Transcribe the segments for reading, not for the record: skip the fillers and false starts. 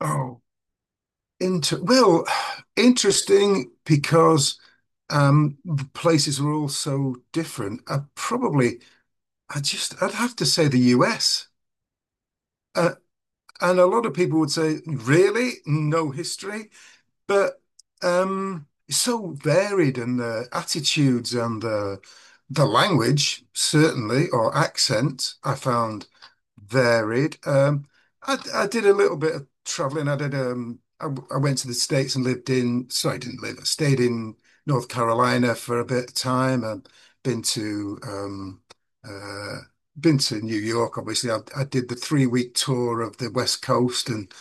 Oh, inter well, interesting because the places were all so different. I just I'd have to say the US. Uh, and a lot of people would say, really? No history? But it's so varied, and the attitudes and the language, certainly, or accent, I found varied. I did a little bit of traveling. I did. I went to the States and lived in. Sorry, I didn't live. I stayed in North Carolina for a bit of time. I've been to um, uh, been to New York. Obviously, I did the 3 week tour of the West Coast and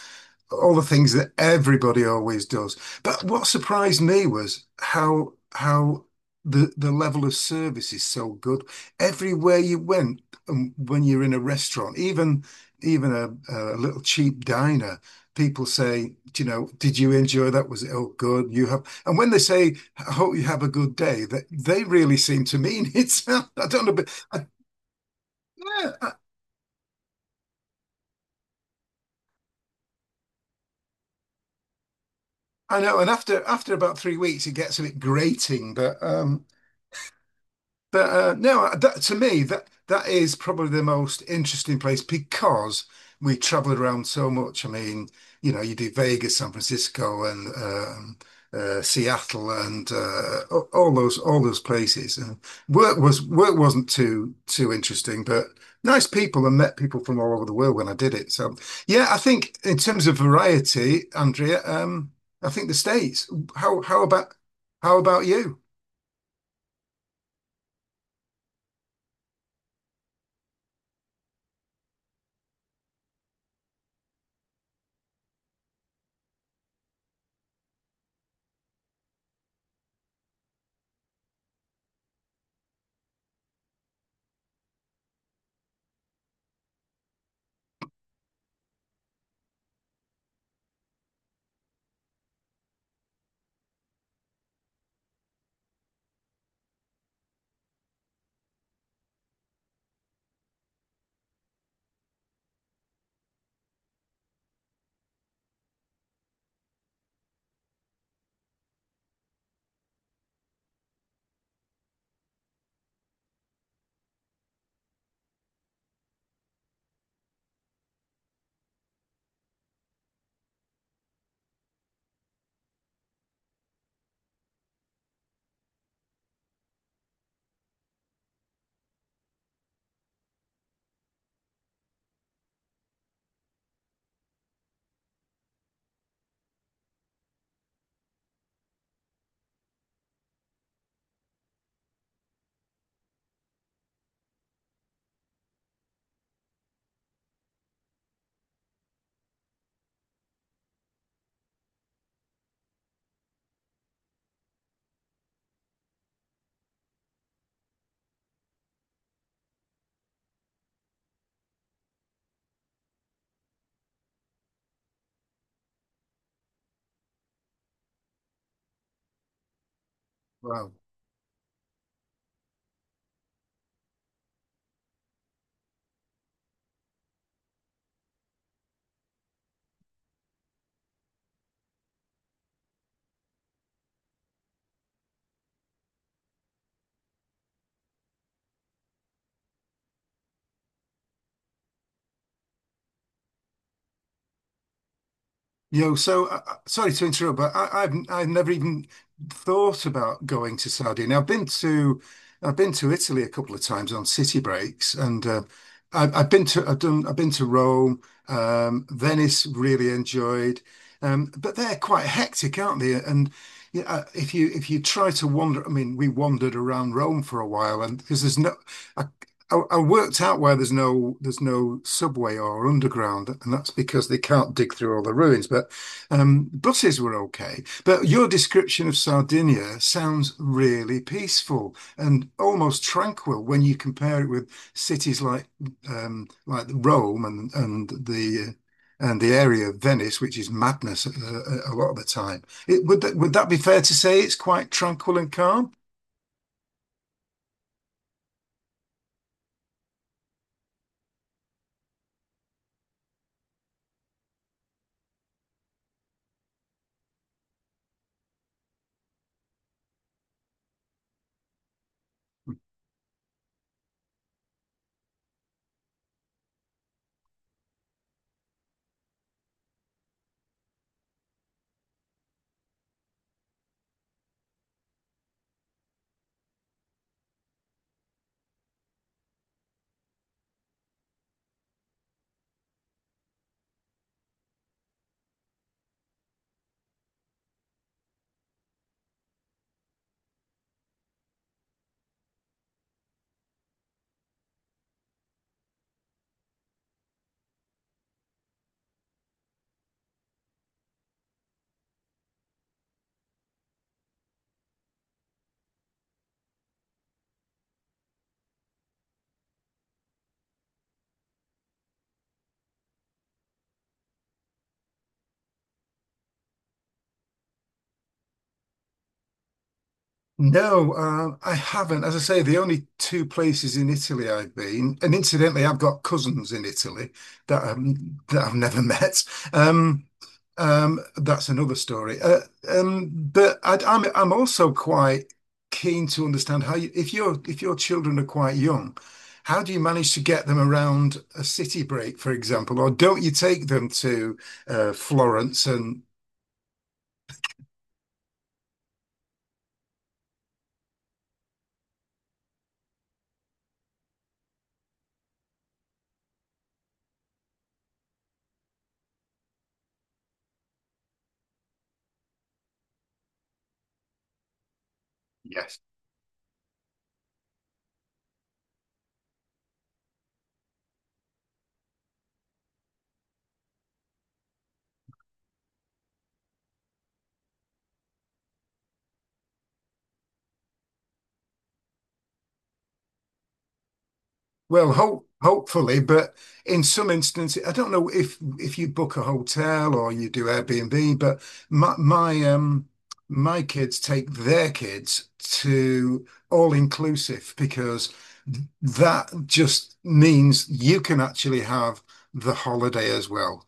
all the things that everybody always does. But what surprised me was how the level of service is so good. Everywhere you went, when you're in a restaurant, even a little cheap diner, people say, "Do you know, did you enjoy that? Was it all good? You have." And when they say, "I hope you have a good day," that they really seem to mean it. I don't know, but yeah, I know. And after about 3 weeks, it gets a bit grating, but but no, that, to me, that is probably the most interesting place because we traveled around so much. I mean, you know, you do Vegas, San Francisco, and Seattle, and all those places. And work wasn't too interesting, but nice people, and met people from all over the world when I did it. So yeah, I think in terms of variety, Andrea, I think the States. How about how about you? Wow. Yo, so sorry to interrupt, but I've never even thought about going to Saudi. Now, I've been to Italy a couple of times on city breaks, and uh, I've been to Rome, Venice. Really enjoyed, but they're quite hectic, aren't they? And yeah, if you try to wander, I mean, we wandered around Rome for a while, and because there's no. I worked out why there's no subway or underground, and that's because they can't dig through all the ruins. But buses were okay. But your description of Sardinia sounds really peaceful and almost tranquil when you compare it with cities like Rome and the area of Venice, which is madness, a lot of the time. It, would that be fair to say? It's quite tranquil and calm. No, I haven't. As I say, the only two places in Italy I've been, and incidentally, I've got cousins in Italy that I've, that I've never met. Um, that's another story. But I'm also quite keen to understand how you, if your children are quite young, how do you manage to get them around a city break, for example, or don't you take them to Florence and. Yes. Well, hopefully, but in some instances, I don't know if you book a hotel or you do Airbnb, but my my um my kids take their kids to all inclusive because that just means you can actually have the holiday as well.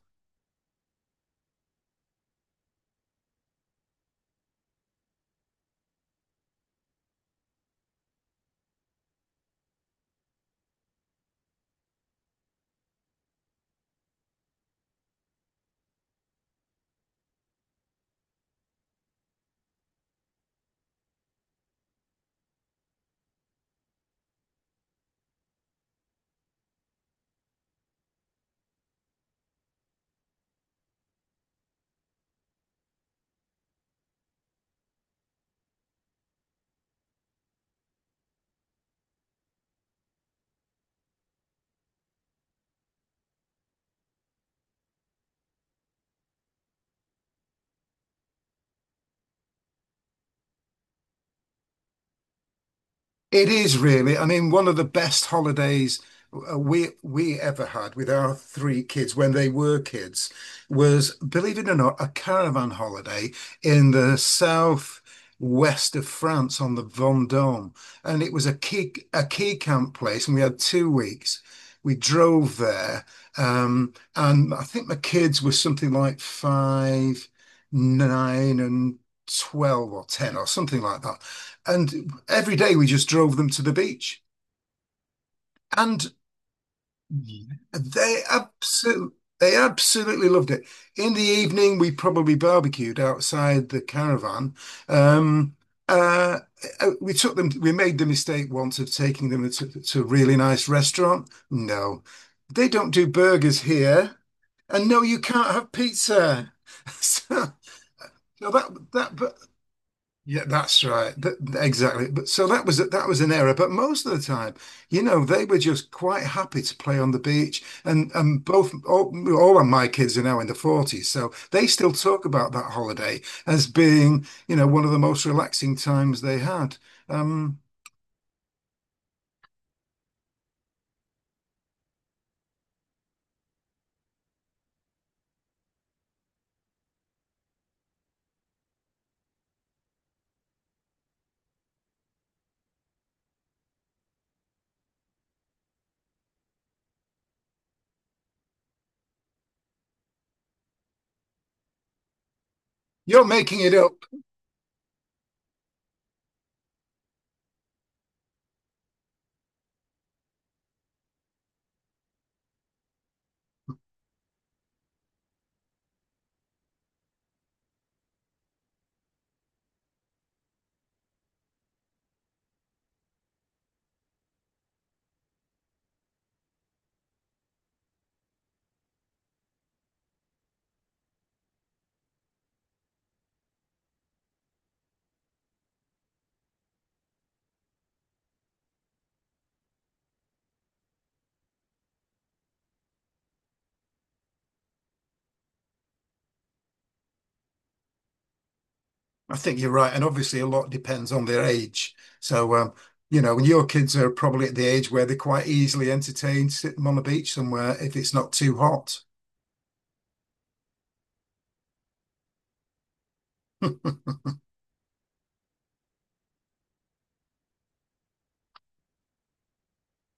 It is really. I mean, one of the best holidays we ever had with our three kids when they were kids was, believe it or not, a caravan holiday in the south west of France on the Vendôme, and it was a key camp place, and we had 2 weeks. We drove there, and I think my kids were something like five, nine, and 12 or 10 or something like that. And every day we just drove them to the beach. And they absolutely loved it. In the evening, we probably barbecued outside the caravan. Um, uh, we took them, we made the mistake once of taking them to a really nice restaurant. No, they don't do burgers here. And no, you can't have pizza. So, so that that but yeah, that's right. Exactly. But so that was an error. But most of the time, you know, they were just quite happy to play on the beach. All of my kids are now in the 40s, so they still talk about that holiday as being, you know, one of the most relaxing times they had. Um, you're making it up. I think you're right, and obviously a lot depends on their age. So you know, your kids are probably at the age where they're quite easily entertained sitting on the beach somewhere if it's not too hot.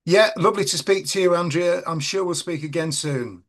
Yeah, lovely to speak to you, Andrea. I'm sure we'll speak again soon.